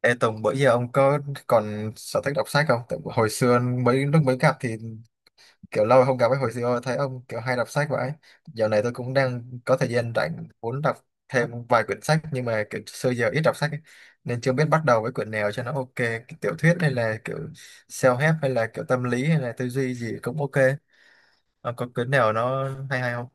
Ê Tùng, bữa giờ ông có còn sở thích đọc sách không? Tại hồi xưa mấy lúc mới gặp thì kiểu lâu rồi không gặp ấy, hồi xưa thấy ông kiểu hay đọc sách vậy. Dạo này tôi cũng đang có thời gian rảnh muốn đọc thêm vài quyển sách nhưng mà kiểu xưa giờ ít đọc sách ấy, nên chưa biết bắt đầu với quyển nào cho nó ok. Kiểu tiểu thuyết hay là kiểu self-help hay là kiểu tâm lý hay là tư duy gì cũng ok. Ông có quyển nào nó hay hay không?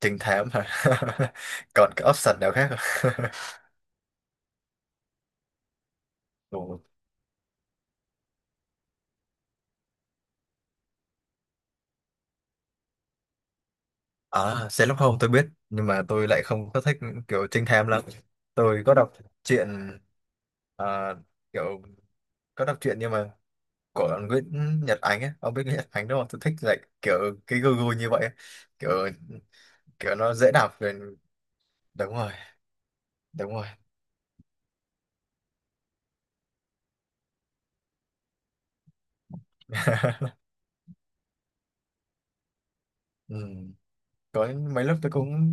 Trinh thám hả? Còn cái option nào khác không? Ồ. À, Sherlock Holmes tôi biết nhưng mà tôi lại không có thích kiểu trinh thám lắm. Tôi có đọc truyện, à, kiểu có đọc truyện nhưng mà của Nguyễn Nhật Ánh ấy, ông biết Nguyễn Nhật Ánh đúng không? Tôi thích lại kiểu cái gu gu như vậy, ấy. Kiểu kiểu nó dễ đọc rồi. Đúng rồi, đúng rồi. Ừ. Có mấy lúc tôi cũng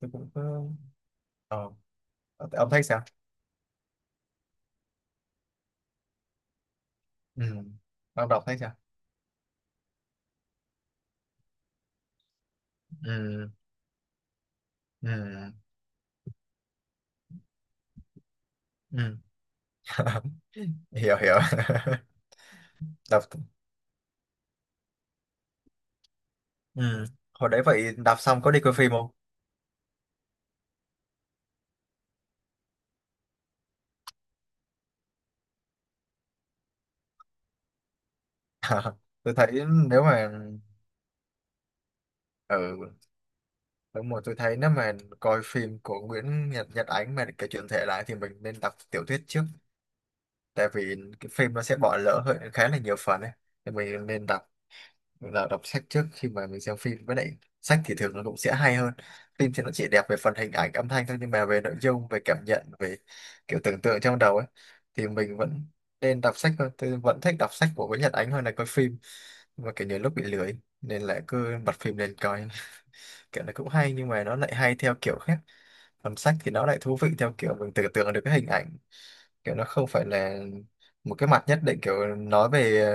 tôi cũng có- ờ, ông thấy sao? Ừ. Ông đọc thấy sao? Ừ. Ừ. Ừ. Hiểu hiểu. Đọc. Ừ. Hồi đấy vậy đạp xong có đi coi phim không? Tôi thấy nếu mà ừ đúng rồi, tôi thấy nếu mà coi phim của Nguyễn Nhật Nhật Ánh mà kể chuyện thể lại thì mình nên đọc tiểu thuyết trước, tại vì cái phim nó sẽ bỏ lỡ hơi khá là nhiều phần ấy, thì mình nên đọc, là đọc sách trước khi mà mình xem phim. Với lại sách thì thường nó cũng sẽ hay hơn phim, thì nó chỉ đẹp về phần hình ảnh âm thanh thôi nhưng mà về nội dung, về cảm nhận, về kiểu tưởng tượng trong đầu ấy, thì mình vẫn nên đọc sách hơn. Tôi vẫn thích đọc sách của Nguyễn Nhật Ánh hơn là coi phim. Và kiểu nhiều lúc bị lười nên lại cứ bật phim lên coi. Kiểu nó cũng hay nhưng mà nó lại hay theo kiểu khác, còn sách thì nó lại thú vị theo kiểu mình tưởng tượng được cái hình ảnh, kiểu nó không phải là một cái mặt nhất định. Kiểu nói về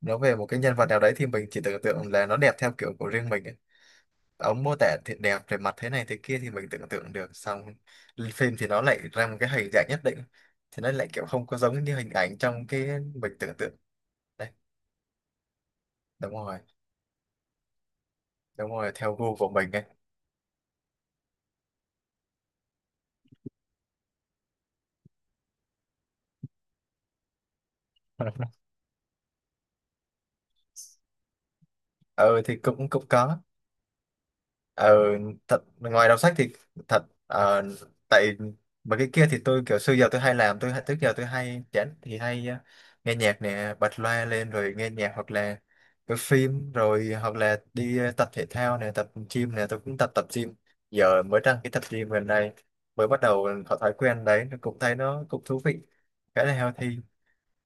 nói về một cái nhân vật nào đấy thì mình chỉ tưởng tượng là nó đẹp theo kiểu của riêng mình ấy. Ông mô tả thì đẹp về mặt thế này thế kia thì mình tưởng tượng được, xong lên phim thì nó lại ra một cái hình dạng nhất định, thì nó lại kiểu không có giống như hình ảnh trong cái mình tưởng tượng. Đấy, đúng rồi, đúng rồi, theo gu của mình ấy. Ừ thì cũng cũng có. Ừ, thật ngoài đọc sách thì thật, tại mà cái kia thì tôi kiểu xưa giờ tôi hay làm, tôi trước giờ tôi hay chán thì hay nghe nhạc nè, bật loa lên rồi nghe nhạc, hoặc là cái phim rồi, hoặc là đi tập thể thao nè, tập gym nè, tôi cũng tập tập gym Giờ mới đăng cái tập gym gần đây, mới bắt đầu có thói quen đấy, nó cũng thấy nó cũng thú vị, khá là healthy.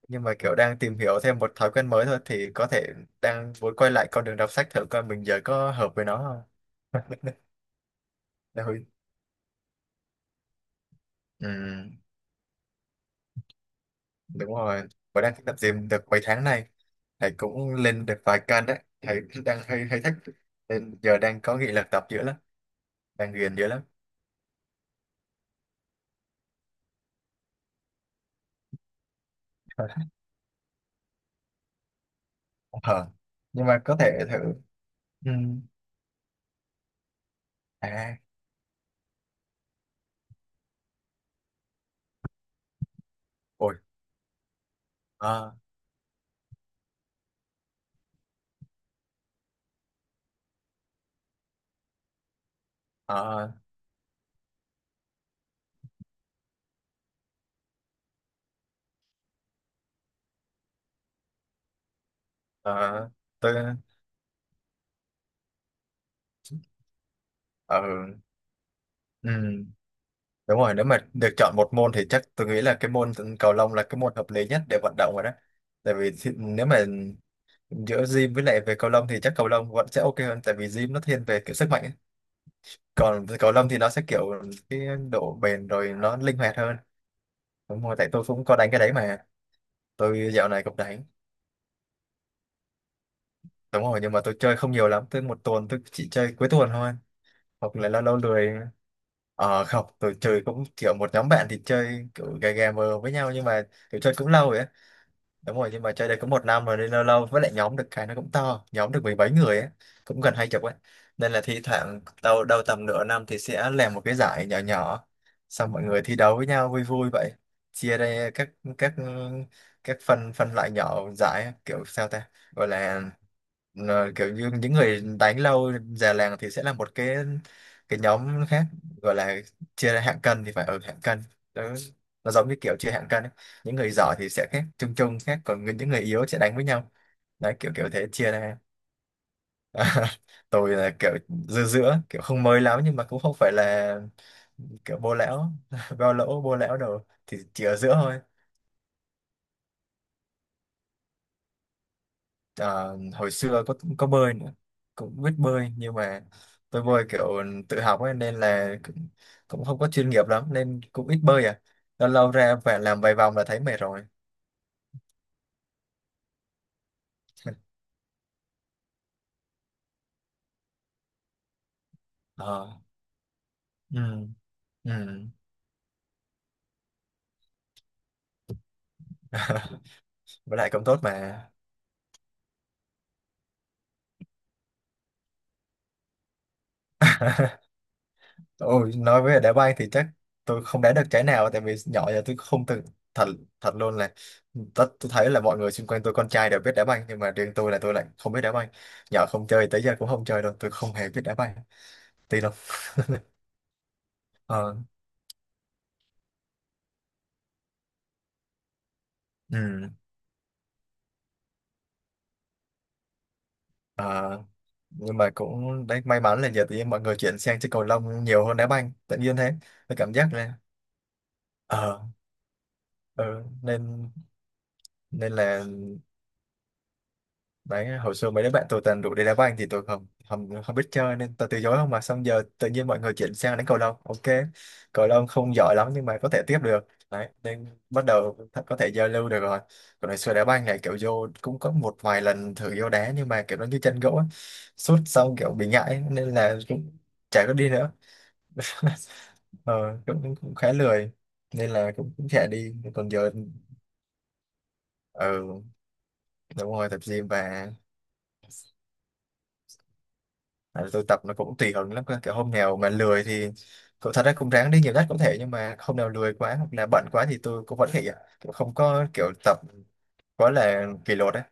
Nhưng mà kiểu đang tìm hiểu thêm một thói quen mới thôi, thì có thể đang muốn quay lại con đường đọc sách thử coi mình giờ có hợp với nó không. Đây, Huy. Ừ, đúng rồi, và đang tập gym được mấy tháng nay, thầy cũng lên được vài cân đấy, thầy đang hơi hơi thích, nên giờ đang có nghị lực tập dữ lắm, đang ghiền dữ lắm. Ờ, nhưng mà có thể thử. Ừ. À. Ôi. Ờ. Ờ. Ờ. Tôi. Ờ. Ừ. Đúng rồi, nếu mà được chọn một môn thì chắc tôi nghĩ là cái môn cầu lông là cái môn hợp lý nhất để vận động rồi đó. Tại vì thi- nếu mà giữa gym với lại về cầu lông thì chắc cầu lông vẫn sẽ ok hơn, tại vì gym nó thiên về kiểu sức mạnh ấy. Còn với cầu lông thì nó sẽ kiểu cái độ bền rồi nó linh hoạt hơn. Đúng rồi, tại tôi cũng có đánh cái đấy mà. Tôi dạo này cũng đánh. Đúng rồi, nhưng mà tôi chơi không nhiều lắm, tôi một tuần tôi chỉ chơi cuối tuần thôi. Hoặc là lâu lâu lười. Ờ không, tôi chơi cũng kiểu một nhóm bạn thì chơi kiểu gà gà mờ với nhau, nhưng mà kiểu chơi cũng lâu rồi á, đúng rồi, nhưng mà chơi đây cũng một năm rồi nên lâu lâu, với lại nhóm được cái nó cũng to, nhóm được mười mấy người á, cũng gần hai chục ấy, nên là thi thoảng đầu đầu tầm nửa năm thì sẽ làm một cái giải nhỏ nhỏ, xong mọi người thi đấu với nhau vui vui vậy. Chia ra các các phân phân loại nhỏ giải kiểu sao ta, gọi là kiểu như những người đánh lâu già làng thì sẽ là một cái nhóm khác, gọi là chia ra hạng cân thì phải ở hạng cân đó, nó giống như kiểu chia hạng cân ấy. Những người giỏi thì sẽ khác chung chung khác, còn người- những người yếu sẽ đánh với nhau. Đấy kiểu kiểu thế chia ra. Tôi là kiểu giữa giữa kiểu không mới lắm nhưng mà cũng không phải là kiểu bô lão bao lỗ bô lão đâu, thì chỉ ở giữa thôi. Ờ, hồi xưa có bơi nữa, cũng biết bơi nhưng mà tôi bơi kiểu tự học ấy, nên là cũng, cũng không có chuyên nghiệp lắm nên cũng ít bơi à, lâu lâu ra và làm vài vòng là thấy mệt rồi. Ờ, ừ, ừ. Với lại cũng tốt mà. Ôi, nói về đá banh thì chắc tôi không đá được trái nào, tại vì nhỏ giờ tôi không từng, thật, thật luôn là tất tôi thấy là mọi người xung quanh tôi con trai đều biết đá banh nhưng mà riêng tôi là tôi lại không biết đá banh, nhỏ không chơi tới giờ cũng không chơi đâu, tôi không hề biết đá banh tí đâu. Ờ, ừ, ờ, nhưng mà cũng đấy may mắn là giờ thì mọi người chuyển sang chơi cầu lông nhiều hơn đá banh tự nhiên thế. Tôi cảm giác là ờ ừ, nên nên là đấy, hồi xưa mấy đứa bạn tôi toàn rủ đi đá banh thì tôi không không không biết chơi nên tôi từ chối không, mà xong giờ tự nhiên mọi người chuyển sang đánh cầu lông ok. Cầu lông không giỏi lắm nhưng mà có thể tiếp được, đấy nên bắt đầu th- có thể giao lưu được rồi. Còn hồi xưa đá banh này kiểu vô cũng có một vài lần thử vô đá nhưng mà kiểu nó như chân gỗ ấy, sút xong kiểu bị ngại nên là cũng chả có đi nữa. Ờ, cũng, cũng khá lười nên là cũng cũng chả đi. Còn giờ ừ, đúng rồi, tập gym. Và tại vì tôi tập nó cũng tùy hứng lắm cơ. Kiểu hôm nào mà lười thì cậu thật ra cũng ráng đi nhiều nhất có thể, nhưng mà hôm nào lười quá hoặc là bận quá thì tôi cũng vẫn nghỉ ạ. Kiểu không có kiểu tập quá là kỷ luật ấy,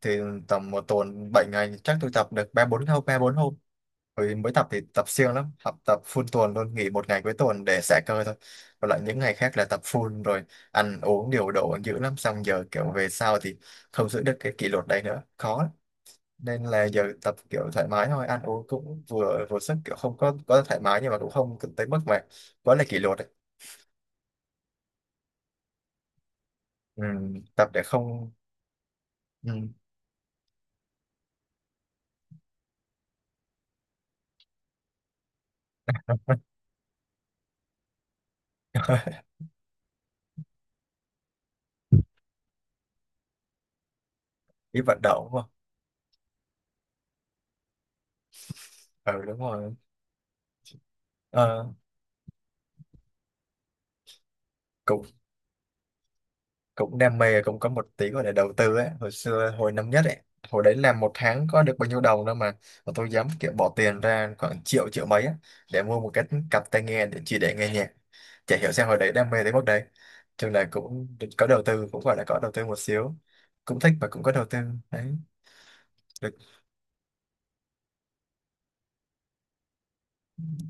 thì tầm một tuần 7 ngày chắc tôi tập được 3 4 hôm, 3 4 hôm rồi mới tập thì tập siêng lắm, học tập full tuần luôn, nghỉ một ngày cuối tuần để xả cơ thôi, còn lại những ngày khác là tập full rồi, ăn uống điều độ dữ lắm. Xong giờ kiểu về sau thì không giữ được cái kỷ luật đấy nữa, khó lắm, nên là giờ tập kiểu thoải mái thôi, ăn uống cũng vừa vừa sức, kiểu không có có thoải mái nhưng mà cũng không tới mức mà quá là kỷ luật ấy. Ừ, tập để không ừ, đi vận động đúng không? Ừ đúng rồi. Ờ, cũng cũng đam mê, cũng có một tí gọi là đầu tư ấy. Hồi xưa hồi năm nhất ấy, hồi đấy làm một tháng có được bao nhiêu đồng đâu, mà tôi dám kiểu bỏ tiền ra khoảng triệu triệu mấy á, để mua một cái cặp tai nghe để chỉ để nghe nhạc. Chả hiểu sao hồi đấy đam mê tới mức đấy. Trường này cũng có đầu tư, cũng gọi là có đầu tư một xíu, cũng thích và cũng có đầu tư đấy, được.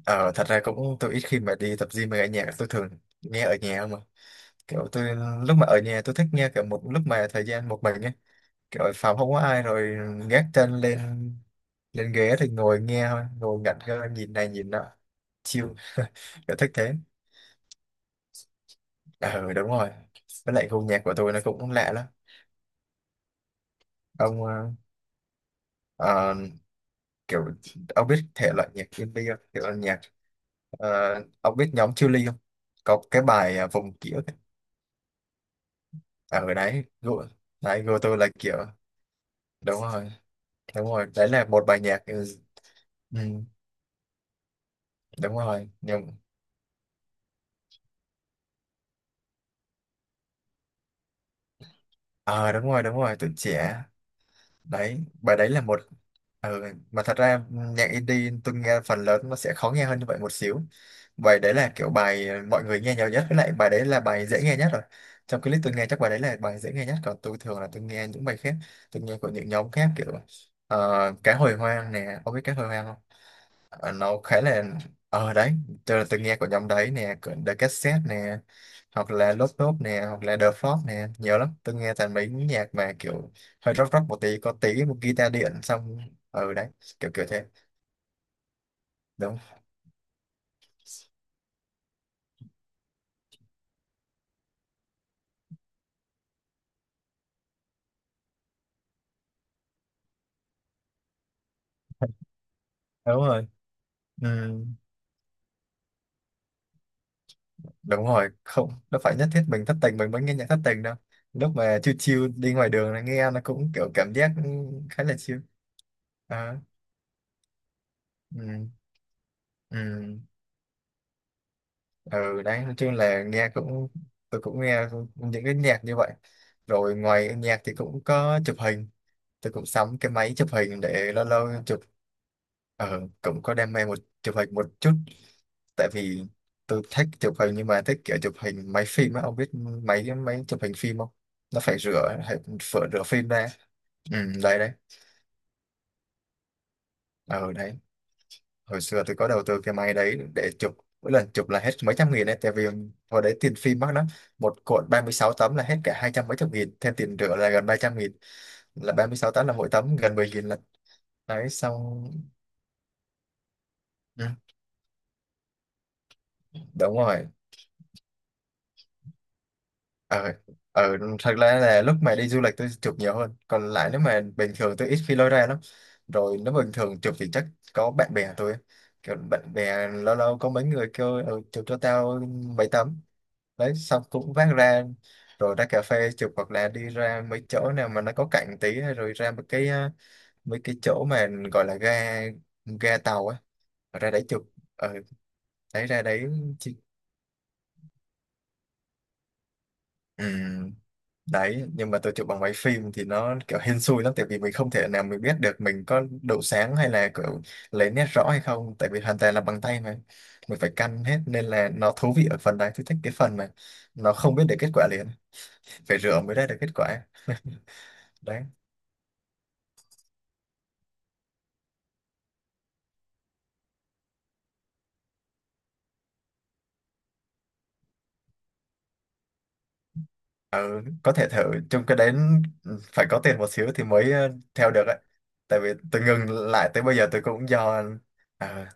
Ờ, Thật ra cũng tôi ít khi mà đi tập gym mà nghe nhạc, tôi thường nghe ở nhà mà, kiểu tôi lúc mà ở nhà tôi thích nghe kiểu một lúc mà thời gian một mình ấy, kiểu ở phòng không có ai rồi, gác chân lên lên ghế thì ngồi nghe thôi, ngồi ngẩn ngơ nhìn này nhìn nọ, chill kiểu thích thế. Ờ đúng rồi, với lại gu nhạc của tôi nó cũng lạ lắm. Ông ờ, ờ, kiểu Ông biết thể loại nhạc indie không? Kiểu nhạc. Ờ, ông biết nhóm Chillies không? Có cái bài à, vùng ký ức ấy. Ở đấy, đấy Go tôi là kiểu đúng rồi, đúng rồi, đấy là một bài nhạc. Ừ, ừ, Đúng rồi, nhưng ờ đúng rồi, tuổi trẻ, đấy bài đấy là một. ừ, mà thật ra nhạc indie tôi nghe phần lớn nó sẽ khó nghe hơn như vậy một xíu, bài đấy là kiểu bài mọi người nghe nhiều nhất, với lại bài đấy là bài dễ nghe nhất rồi, trong clip tôi nghe chắc bài đấy là bài dễ nghe nhất, còn tôi thường là tôi nghe những bài khác, tôi nghe của những nhóm khác kiểu ờ, cá hồi hoang nè, ông biết cá hồi hoang không? Ờ, nó khá là ờ đấy, tôi nghe của nhóm đấy nè, của The Cassette nè, hoặc là Lốp Lốp nè, hoặc là The Frog nè, nhiều lắm. Tôi nghe toàn mấy nhạc mà kiểu hơi rock rock một tí, có tí guitar điện xong. Ừ đấy, kiểu kiểu thế, đúng đúng rồi. Ừ, đúng rồi, không nó phải nhất thiết mình thất tình mình mới nghe nhạc thất tình đâu, lúc mà chill chill đi ngoài đường là nghe nó cũng kiểu cảm giác khá là chill. Ờ, ừ, ừ. Ừ đấy, nói chung là nghe cũng tôi cũng nghe những cái nhạc như vậy. Rồi ngoài nhạc thì cũng có chụp hình, tôi cũng sắm cái máy chụp hình để lâu lâu chụp. Ờ cũng có đam mê một chụp hình một chút, tại vì tôi thích chụp hình, nhưng mà thích kiểu chụp hình máy phim á, ông biết máy máy chụp hình phim không? Nó phải rửa, phải rửa rửa phim ra. Ừ đấy đấy, ờ đấy, hồi xưa tôi có đầu tư cái máy đấy để chụp, mỗi lần chụp là hết mấy trăm nghìn ấy, tại vì hồi đấy tiền phim mắc lắm. Một cuộn 36 tấm là hết cả hai trăm mấy chục nghìn, thêm tiền rửa là gần 300 nghìn, là 36 tấm là mỗi tấm gần 10 nghìn, là đấy xong. Ừ. Đúng rồi, ờ ờ thật ra là lúc mà đi du lịch tôi chụp nhiều hơn, còn lại nếu mà bình thường tôi ít khi lôi ra lắm. Rồi nếu bình thường chụp thì chắc có bạn bè tôi ấy, kiểu bạn bè lâu lâu có mấy người kêu ừ, chụp cho tao mấy tấm, đấy xong cũng vác ra, rồi ra cà phê chụp, hoặc là đi ra mấy chỗ nào mà nó có cạnh tí ấy, rồi ra một cái mấy cái chỗ mà gọi là ga, ga tàu á, ra đấy chụp. ờ Đấy ra đấy chứ- Ừm, đấy nhưng mà tôi chụp bằng máy phim thì nó kiểu hên xui lắm, tại vì mình không thể nào mình biết được mình có độ sáng hay là kiểu lấy nét rõ hay không, tại vì hoàn toàn là bằng tay mà, mình phải căn hết. Nên là nó thú vị ở phần đấy, tôi thích cái phần mà nó không biết được kết quả liền, phải rửa mới ra được kết quả đấy. Ừ, có thể thử chung cái đấy. Ừ, phải có tiền một xíu thì mới theo được ấy. Tại vì tôi ngừng lại tới bây giờ tôi cũng do à,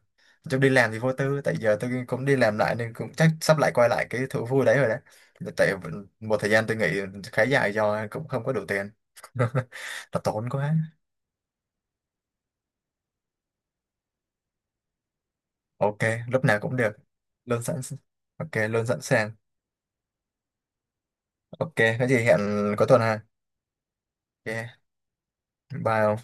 chung đi làm thì vô tư, tại giờ tôi cũng đi làm lại nên cũng chắc sắp lại quay lại cái thú vui đấy rồi đấy. Tại một thời gian tôi nghỉ khá dài do cũng không có đủ tiền. Nó tốn quá. Ok, lúc nào cũng được. Luôn sẵn. Ok, luôn sẵn sàng. Ok, có gì hẹn cuối tuần ha. Ok, bye ông.